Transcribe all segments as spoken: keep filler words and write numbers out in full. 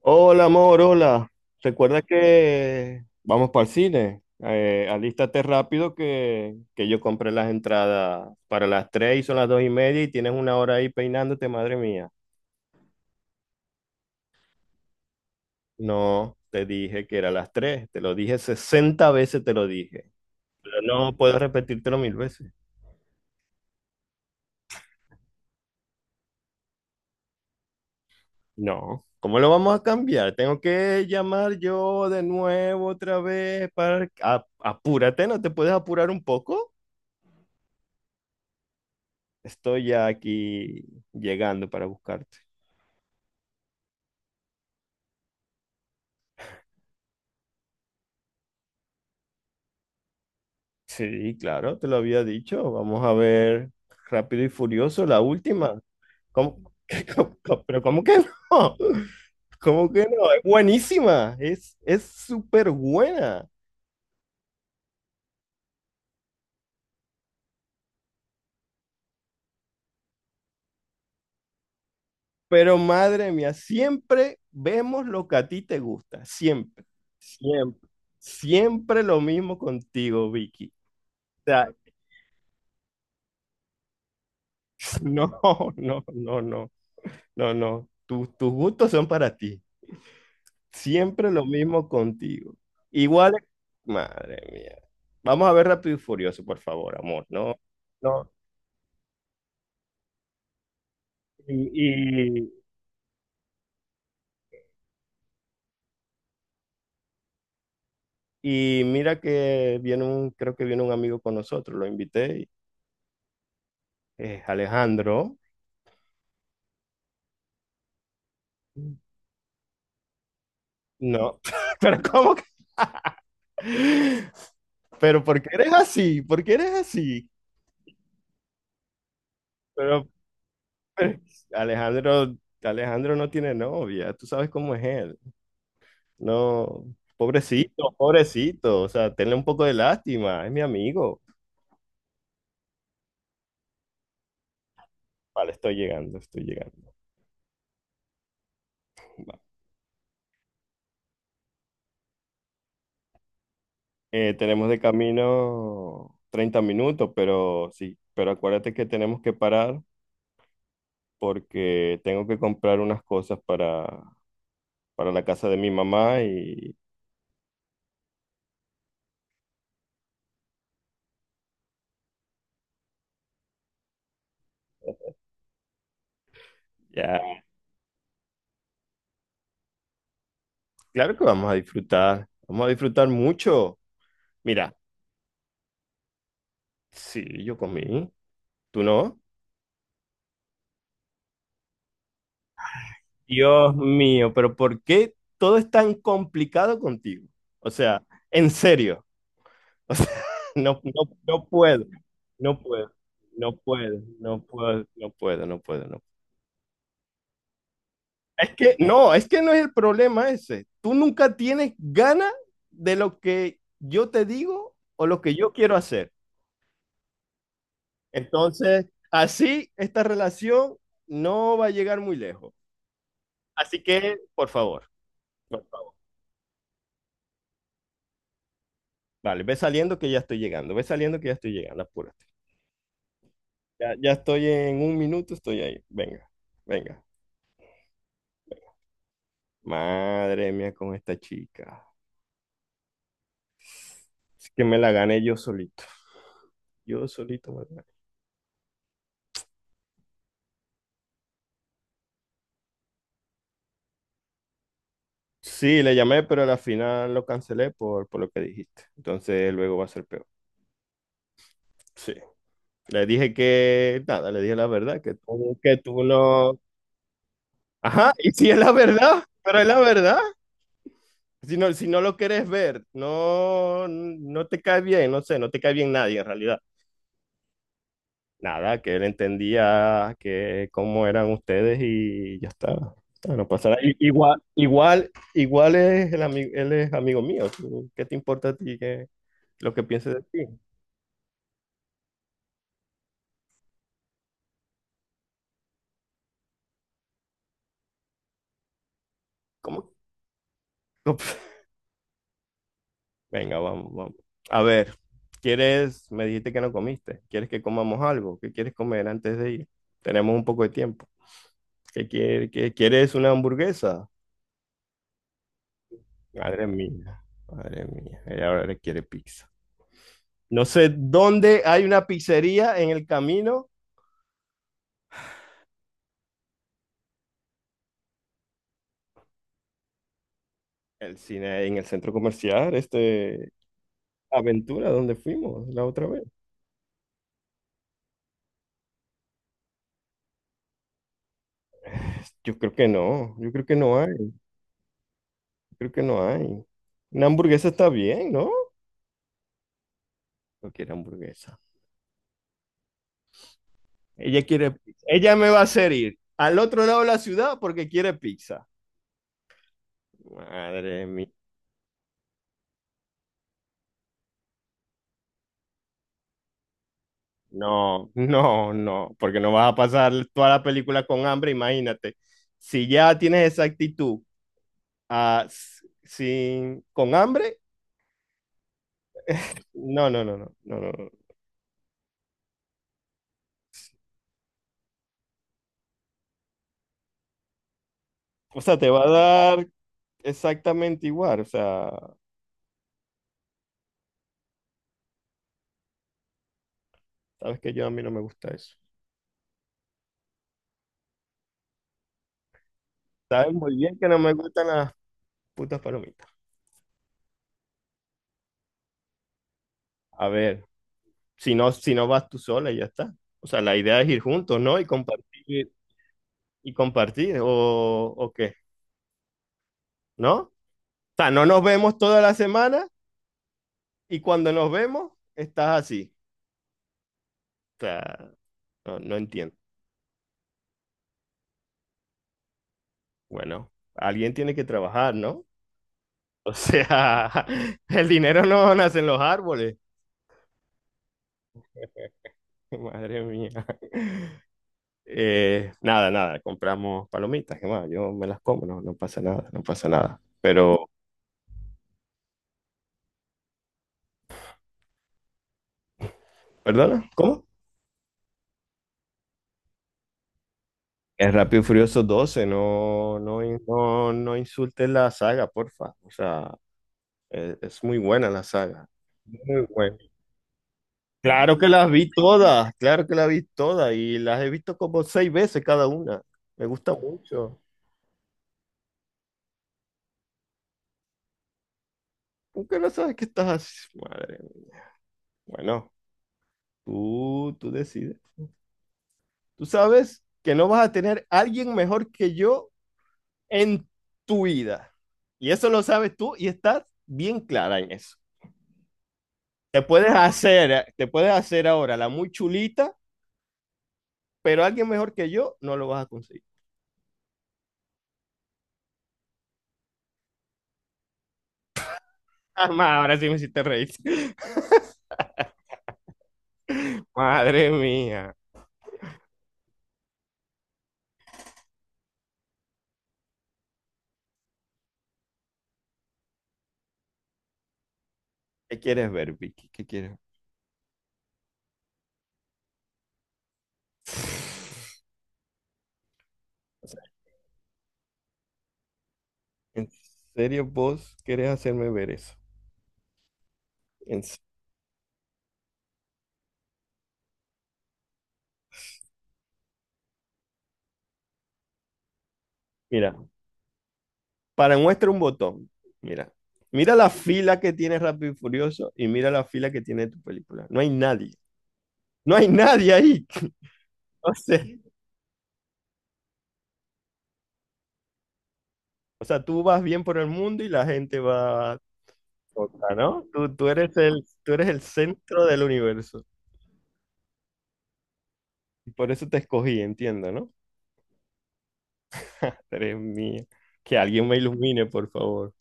Hola, amor, hola. Recuerda que vamos para el cine. Eh, alístate rápido que, que yo compré las entradas para las tres y son las dos y media y tienes una hora ahí peinándote, madre mía. No, te dije que era las tres. te lo dije sesenta veces, te lo dije. Pero no puedo repetírtelo mil veces. No, ¿cómo lo vamos a cambiar? Tengo que llamar yo de nuevo otra vez para... a- apúrate, ¿no te puedes apurar un poco? Estoy ya aquí llegando para buscarte. Sí, claro, te lo había dicho. Vamos a ver Rápido y Furioso, la última. ¿Cómo? ¿Cómo- cómo- Pero ¿cómo que no? ¿Cómo que no? Es buenísima, es, es súper buena. Pero madre mía, siempre vemos lo que a ti te gusta, siempre, siempre, siempre lo mismo contigo, Vicky. O sea, no, no, no, no, no, no. Tus, tus gustos son para ti. Siempre lo mismo contigo. Igual, madre mía. Vamos a ver Rápido y Furioso, por favor, amor. No, no. Y, y- y mira que viene un, creo que viene un amigo con nosotros, lo invité, y- eh, Alejandro. No, pero ¿cómo que? Pero ¿por qué eres así? ¿Por qué eres así? Pero, pero Alejandro, Alejandro no tiene novia, tú sabes cómo es él. No, pobrecito, pobrecito. O sea, tenle un poco de lástima. Es mi amigo. Vale, estoy llegando, estoy llegando. Va. Eh, tenemos de camino treinta minutos, pero sí, pero acuérdate que tenemos que parar porque tengo que comprar unas cosas para, para la casa de mi mamá y ya. Claro que vamos a disfrutar. Vamos a disfrutar mucho. Mira, sí, yo comí. ¿Tú no? Dios mío, pero ¿por qué todo es tan complicado contigo? O sea, en serio, no, no, no puedo, no puedo, no puedo, no puedo, no puedo, no puedo, no. Es que no, es que no es el problema ese. Tú nunca tienes ganas de lo que yo te digo o lo que yo quiero hacer. Entonces, así esta relación no va a llegar muy lejos. Así que, por favor, por favor. Vale, ve saliendo que ya estoy llegando, ve saliendo que ya estoy llegando, apura. Ya, ya estoy en un minuto, estoy ahí. Venga, venga. Madre mía, con esta chica. Es que me la gané yo solito. Yo solito me la gané. Sí, le llamé, pero al final lo cancelé por, por lo que dijiste. Entonces luego va a ser peor. Sí. Le dije que, nada, le dije la verdad, que tú, que tú no. Ajá, y si es la verdad, pero es la verdad. Si no, si no lo quieres ver, no, no te cae bien, no sé, no te cae bien nadie en realidad. Nada, que él entendía que cómo eran ustedes y ya está. Ya está, No pasa nada. I- Igual, igual, igual es el amigo, él es amigo mío. tú, ¿Qué te importa a ti que, lo que piense de ti? ¿Cómo? Venga, vamos, vamos. A ver, ¿quieres? Me dijiste que no comiste. ¿Quieres que comamos algo? ¿Qué quieres comer antes de ir? Tenemos un poco de tiempo. ¿Qué quiere- qué- quieres? ¿Una hamburguesa? Madre mía, madre mía. Ella ahora quiere pizza. No sé dónde hay una pizzería en el camino, el cine en el centro comercial, este Aventura, donde fuimos la otra vez. Yo creo que no, yo creo que no hay, yo creo que no hay. Una hamburguesa está bien, ¿no? No quiere hamburguesa. Ella quiere pizza. Ella me va a hacer ir al otro lado de la ciudad porque quiere pizza. Madre mía. No, no, no, porque no vas a pasar toda la película con hambre, imagínate. Si ya tienes esa actitud ah, sin, con hambre, no, no, no, no, no, no. no. O sea, te va a dar exactamente igual. O sea, sabes que yo a mí no me gusta eso. Sabes muy bien que no me gustan las putas palomitas. A ver, si no, si no vas tú sola y ya está. O sea, la idea es ir juntos, ¿no? Y compartir, y compartir, o, o qué, ¿no? O sea, no nos vemos toda la semana y cuando nos vemos estás así. O sea, no, no entiendo. Bueno, alguien tiene que trabajar, ¿no? O sea, el dinero no nace en los árboles. Madre mía. Eh, nada, nada, compramos palomitas, que más, yo me las como, no, no pasa nada, no pasa nada. Pero, perdona, ¿cómo? El Rápido y Furioso doce, no, no, no, no insultes la saga, porfa. O sea, es, es muy buena la saga, muy buena. Claro que las vi todas, claro que las vi todas y las he visto como seis veces cada una. Me gusta mucho. ¿Por qué no sabes qué estás haciendo? Madre mía. Bueno. Tú, tú decides. Tú sabes que no vas a tener alguien mejor que yo en tu vida. Y eso lo sabes tú y estás bien clara en eso. Te puedes hacer, eh, te puedes hacer ahora la muy chulita, pero alguien mejor que yo no lo vas a conseguir. Ah, ma, ahora sí me hiciste reír. Madre mía. ¿Qué quieres ver, Vicky? ¿Qué quieres? ver? O sea, ¿en serio vos querés hacerme ver eso? En se- Mira, Para muestra un botón. Mira. Mira la fila que tiene Rápido y Furioso y mira la fila que tiene tu película. No hay nadie. No hay nadie ahí. O sea, o sea, tú vas bien por el mundo y la gente va loca, ¿no? Tú, tú eres el, tú eres el centro del universo. Y por eso te escogí, entiendo, ¿no? Madre mía. Que alguien me ilumine, por favor.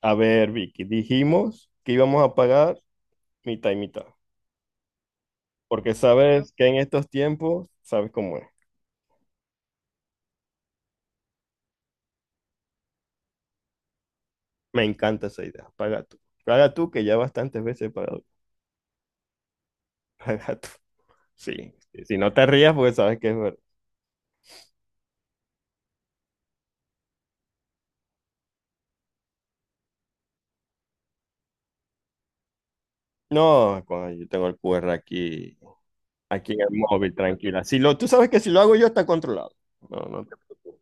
A ver, Vicky, dijimos que íbamos a pagar mitad y mitad. Porque sabes que en estos tiempos, sabes cómo es. Me encanta esa idea. Paga tú. Paga tú, que ya bastantes veces he pagado. Paga tú. Sí. sí, Si no te rías, porque sabes que es verdad. No, coño, yo tengo el Q R aquí, aquí en el móvil, tranquila. Si lo, Tú sabes que si lo hago yo está controlado. No, no te preocupes.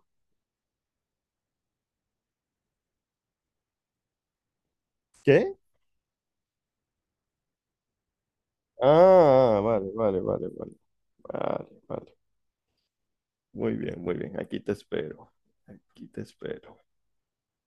¿Qué? Ah, vale, vale, vale, vale. Vale, vale. Muy bien, muy bien. Aquí te espero. Aquí te espero.